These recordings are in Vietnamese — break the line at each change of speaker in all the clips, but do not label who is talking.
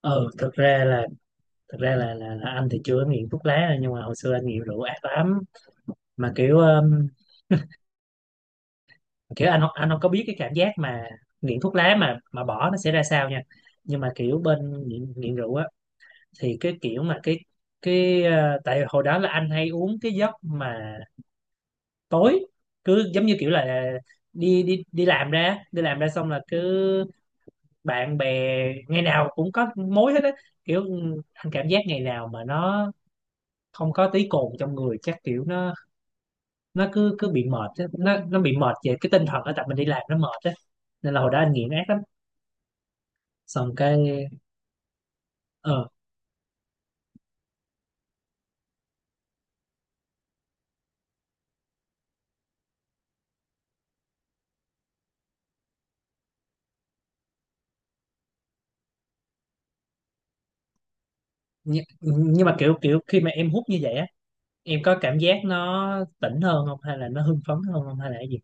ờ thực ra là thực ra là anh thì chưa có nghiện thuốc lá. Nhưng mà hồi xưa anh nghiện rượu ác lắm. Mà kiểu kiểu anh anh không có biết cái cảm giác mà nghiện thuốc lá mà bỏ nó sẽ ra sao nha. Nhưng mà kiểu bên nghiện rượu á, thì cái kiểu mà cái ờ, tại hồi đó là anh hay uống cái giấc mà tối, cứ giống như kiểu là đi đi đi làm ra xong là cứ bạn bè, ngày nào cũng có mối hết á. Kiểu anh cảm giác ngày nào mà nó không có tí cồn trong người chắc kiểu nó cứ cứ bị mệt á. Nó bị mệt về cái tinh thần á, tại mình đi làm nó mệt á. Nên là hồi đó anh nghiện ác lắm. Xong cái, ờ nhưng mà kiểu kiểu khi mà em hút như vậy á, em có cảm giác nó tỉnh hơn không, hay là nó hưng phấn hơn không, hay là cái gì?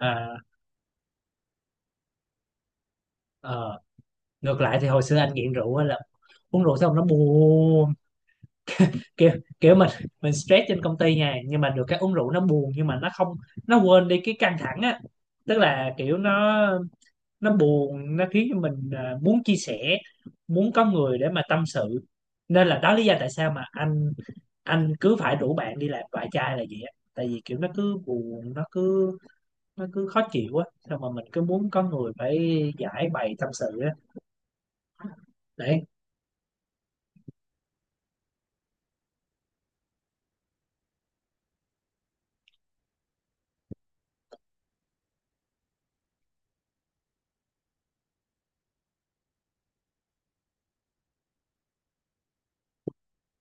À. Ờ. Ngược lại thì hồi xưa anh nghiện rượu á, là uống rượu xong nó buồn. Kiểu kiểu mình stress trên công ty nha, nhưng mà được cái uống rượu nó buồn nhưng mà nó không nó quên đi cái căng thẳng á. Tức là kiểu nó buồn, nó khiến cho mình muốn chia sẻ, muốn có người để mà tâm sự. Nên là đó lý do tại sao mà anh cứ phải rủ bạn đi làm vài chai là vậy á, tại vì kiểu nó cứ buồn, nó cứ khó chịu á, xong mà mình cứ muốn có người phải giải bày tâm sự á. Đấy.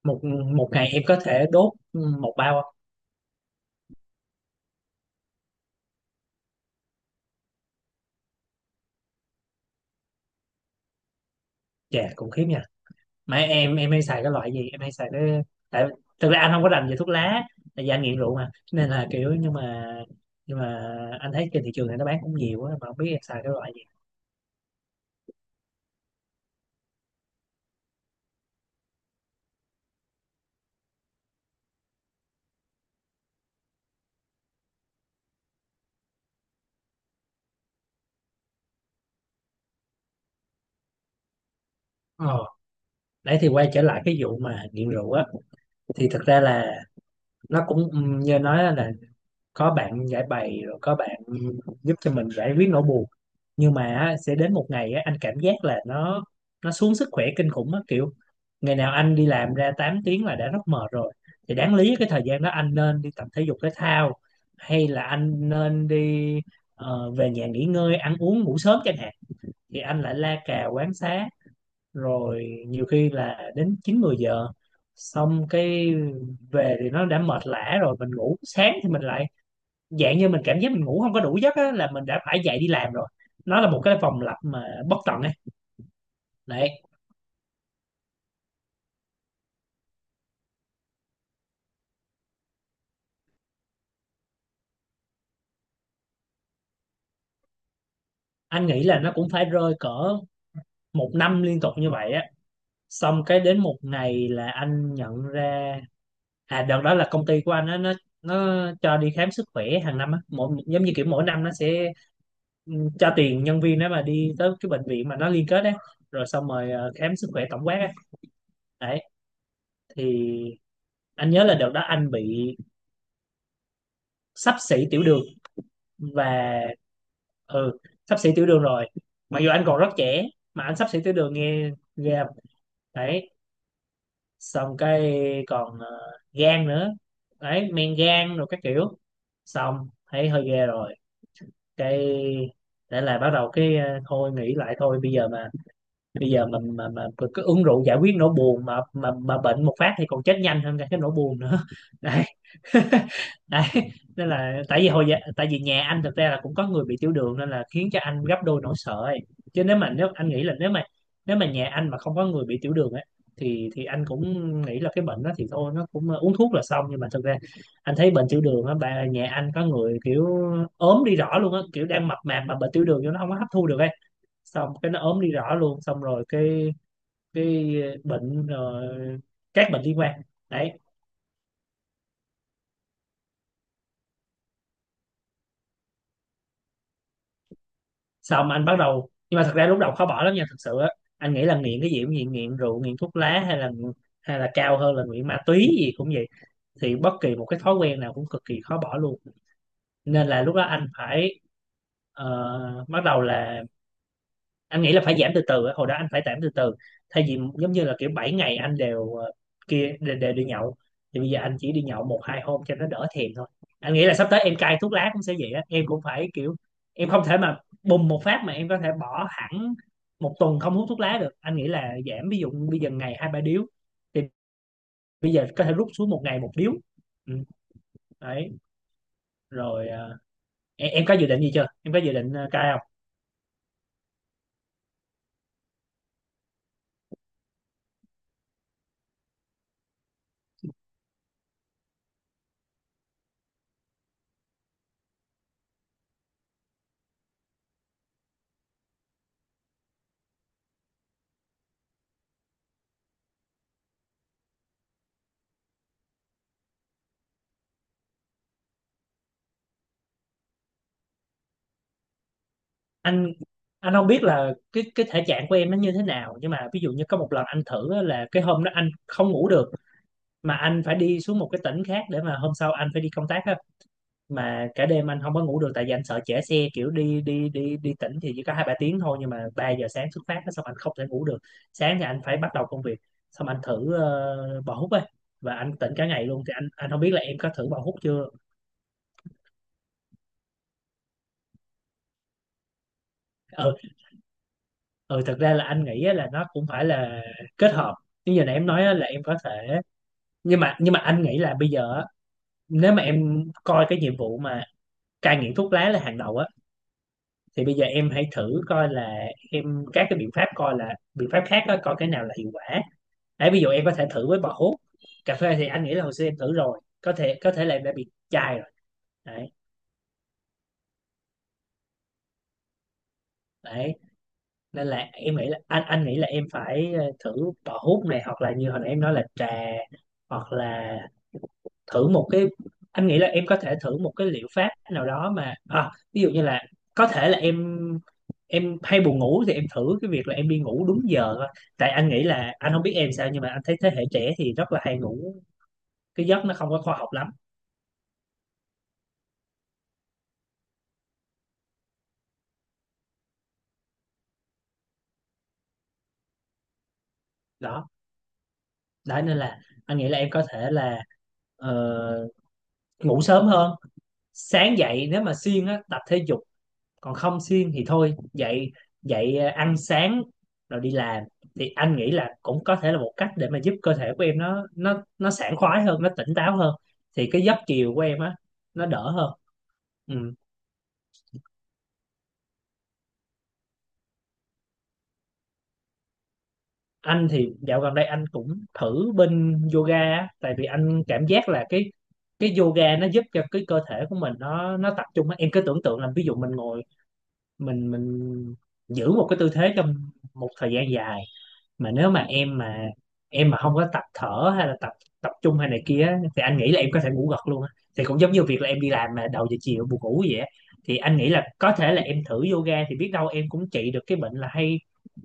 Một một ngày em có thể đốt một bao không? Chà, cũng khiếp nha. Mà em hay xài cái loại gì? Em hay xài cái Tại thực ra anh không có rành về thuốc lá, tại vì anh nghiện rượu mà, nên là kiểu nhưng mà anh thấy trên thị trường này nó bán cũng nhiều á, mà không biết em xài cái loại gì. ờ Đấy, thì quay trở lại cái vụ mà nghiện rượu á, thì thực ra là nó cũng, như nói là có bạn giải bày, rồi có bạn giúp cho mình giải quyết nỗi buồn. Nhưng mà á, sẽ đến một ngày á, anh cảm giác là nó xuống sức khỏe kinh khủng á. Kiểu ngày nào anh đi làm ra 8 tiếng là đã rất mệt rồi, thì đáng lý cái thời gian đó anh nên đi tập thể dục thể thao, hay là anh nên đi về nhà nghỉ ngơi, ăn uống, ngủ sớm chẳng hạn. Thì anh lại la cà quán xá, rồi nhiều khi là đến 9 10 giờ. Xong cái về thì nó đã mệt lả rồi, mình ngủ, sáng thì mình lại dạng như mình cảm giác mình ngủ không có đủ giấc á, là mình đã phải dậy đi làm rồi. Nó là một cái vòng lặp mà bất tận ấy. Đấy. Anh nghĩ là nó cũng phải rơi cỡ một năm liên tục như vậy á. Xong cái đến một ngày là anh nhận ra. À, đợt đó là công ty của anh á, nó cho đi khám sức khỏe hàng năm á, mỗi giống như kiểu mỗi năm nó sẽ cho tiền nhân viên đó mà đi tới cái bệnh viện mà nó liên kết đấy, rồi xong rồi khám sức khỏe tổng quát ấy. Đấy. Thì anh nhớ là đợt đó anh bị xấp xỉ tiểu đường, và ừ xấp xỉ tiểu đường rồi, mặc dù anh còn rất trẻ mà anh xấp xỉ tiểu đường, nghe ghê không? Đấy. Xong cái còn gan nữa. Đấy, men gan rồi các kiểu. Xong thấy hơi ghê rồi, cái để là bắt đầu cái thôi nghĩ lại, thôi bây giờ mà mà cứ uống rượu giải quyết nỗi buồn mà mà bệnh một phát thì còn chết nhanh hơn cả cái nỗi buồn nữa. Đấy. Đấy. Nên là tại vì hồi giờ, tại vì nhà anh thực ra là cũng có người bị tiểu đường, nên là khiến cho anh gấp đôi nỗi sợ ấy. Chứ nếu mà nhà anh mà không có người bị tiểu đường ấy, thì anh cũng nghĩ là cái bệnh đó thì thôi nó cũng uống thuốc là xong. Nhưng mà thực ra anh thấy bệnh tiểu đường á, bà nhà anh có người kiểu ốm đi rõ luôn á, kiểu đang mập mạp mà bệnh tiểu đường vô nó không có hấp thu được ấy, xong cái nó ốm đi rõ luôn, xong rồi cái bệnh rồi các bệnh liên quan. Đấy. Xong anh bắt đầu, nhưng mà thật ra lúc đầu khó bỏ lắm nha, thật sự á. Anh nghĩ là nghiện cái gì cũng nghiện, nghiện rượu, nghiện thuốc lá, hay là cao hơn là nghiện ma túy gì cũng vậy, thì bất kỳ một cái thói quen nào cũng cực kỳ khó bỏ luôn. Nên là lúc đó anh phải bắt đầu là anh nghĩ là phải giảm từ từ á. Hồi đó anh phải giảm từ từ, thay vì giống như là kiểu 7 ngày anh đều, kia, đều đi nhậu, thì bây giờ anh chỉ đi nhậu 1 2 hôm cho nó đỡ thèm thôi. Anh nghĩ là sắp tới em cai thuốc lá cũng sẽ vậy á, em cũng phải kiểu, em không thể mà bùng một phát mà em có thể bỏ hẳn một tuần không hút thuốc lá được. Anh nghĩ là giảm, ví dụ bây giờ ngày 2 3 điếu, thì bây giờ có thể rút xuống 1 ngày 1 điếu. Ừ. Đấy. Rồi, em có dự định gì chưa, em có dự định cai không? anh anh không biết là cái thể trạng của em nó như thế nào, nhưng mà ví dụ như có một lần anh thử á, là cái hôm đó anh không ngủ được, mà anh phải đi xuống một cái tỉnh khác để mà hôm sau anh phải đi công tác á. Mà cả đêm anh không có ngủ được, tại vì anh sợ trễ xe, kiểu đi đi đi đi tỉnh thì chỉ có 2 3 tiếng thôi, nhưng mà 3 giờ sáng xuất phát á, xong anh không thể ngủ được. Sáng thì anh phải bắt đầu công việc, xong anh thử bò hút á, và anh tỉnh cả ngày luôn. Thì anh không biết là em có thử bò hút chưa. Ừ. Ừ, thật ra là anh nghĩ á, là nó cũng phải là kết hợp, như giờ này em nói á, là em có thể. Nhưng mà anh nghĩ là bây giờ á, nếu mà em coi cái nhiệm vụ mà cai nghiện thuốc lá là hàng đầu á, thì bây giờ em hãy thử coi là em các cái biện pháp, coi là biện pháp khác á, coi cái nào là hiệu quả. Đấy, ví dụ em có thể thử với bò hút. Cà phê thì anh nghĩ là hồi xưa em thử rồi, có thể là em đã bị chai rồi. Đấy. Đấy. Nên là em nghĩ là anh nghĩ là em phải thử bò hút này, hoặc là như hồi nãy em nói là trà, hoặc là thử một cái, anh nghĩ là em có thể thử một cái liệu pháp nào đó mà, à, ví dụ như là có thể là em hay buồn ngủ, thì em thử cái việc là em đi ngủ đúng giờ thôi. Tại anh nghĩ là anh không biết em sao, nhưng mà anh thấy thế hệ trẻ thì rất là hay ngủ cái giấc nó không có khoa học lắm. Đó. Đó. Nên là anh nghĩ là em có thể là ờ, ngủ sớm hơn, sáng dậy nếu mà siêng á tập thể dục, còn không xuyên thì thôi dậy dậy ăn sáng rồi đi làm, thì anh nghĩ là cũng có thể là một cách để mà giúp cơ thể của em nó sảng khoái hơn, nó tỉnh táo hơn, thì cái giấc chiều của em á nó đỡ hơn. Ừ. Anh thì dạo gần đây anh cũng thử bên yoga á, tại vì anh cảm giác là cái yoga nó giúp cho cái cơ thể của mình nó tập trung á. Em cứ tưởng tượng là ví dụ mình ngồi, mình giữ một cái tư thế trong một thời gian dài, mà nếu mà em mà không có tập thở, hay là tập, tập trung hay này kia á, thì anh nghĩ là em có thể ngủ gật luôn á. Thì cũng giống như việc là em đi làm mà đầu giờ chiều buồn ngủ vậy á. Thì anh nghĩ là có thể là em thử yoga, thì biết đâu em cũng trị được cái bệnh là hay,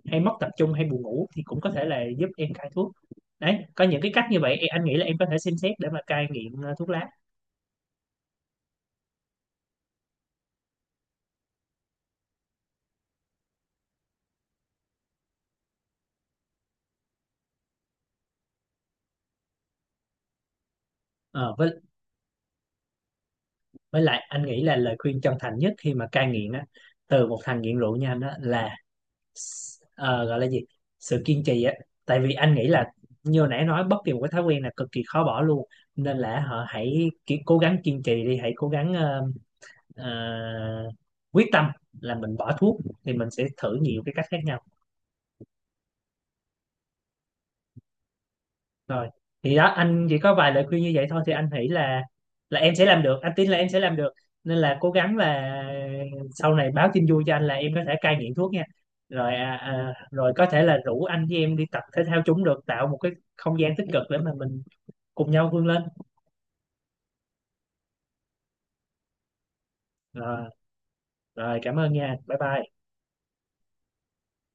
hay mất tập trung, hay buồn ngủ, thì cũng có thể là giúp em cai thuốc. Đấy, có những cái cách như vậy, anh nghĩ là em có thể xem xét để mà cai nghiện thuốc lá. Ờ, với lại anh nghĩ là lời khuyên chân thành nhất khi mà cai nghiện á, từ một thằng nghiện rượu như anh á, là gọi là gì, sự kiên trì á. Tại vì anh nghĩ là như hồi nãy nói, bất kỳ một cái thói quen là cực kỳ khó bỏ luôn. Nên là họ hãy cố gắng kiên trì đi, hãy cố gắng ờ, quyết tâm là mình bỏ thuốc, thì mình sẽ thử nhiều cái cách khác nhau. Rồi. Thì đó, anh chỉ có vài lời khuyên như vậy thôi. Thì anh nghĩ là em sẽ làm được, anh tin là em sẽ làm được, nên là cố gắng, là sau này báo tin vui cho anh là em có thể cai nghiện thuốc nha. Rồi, rồi có thể là rủ anh với em đi tập thể thao chúng, được tạo một cái không gian tích cực để mà mình cùng nhau vươn lên. Rồi. Rồi, cảm ơn nha, bye bye.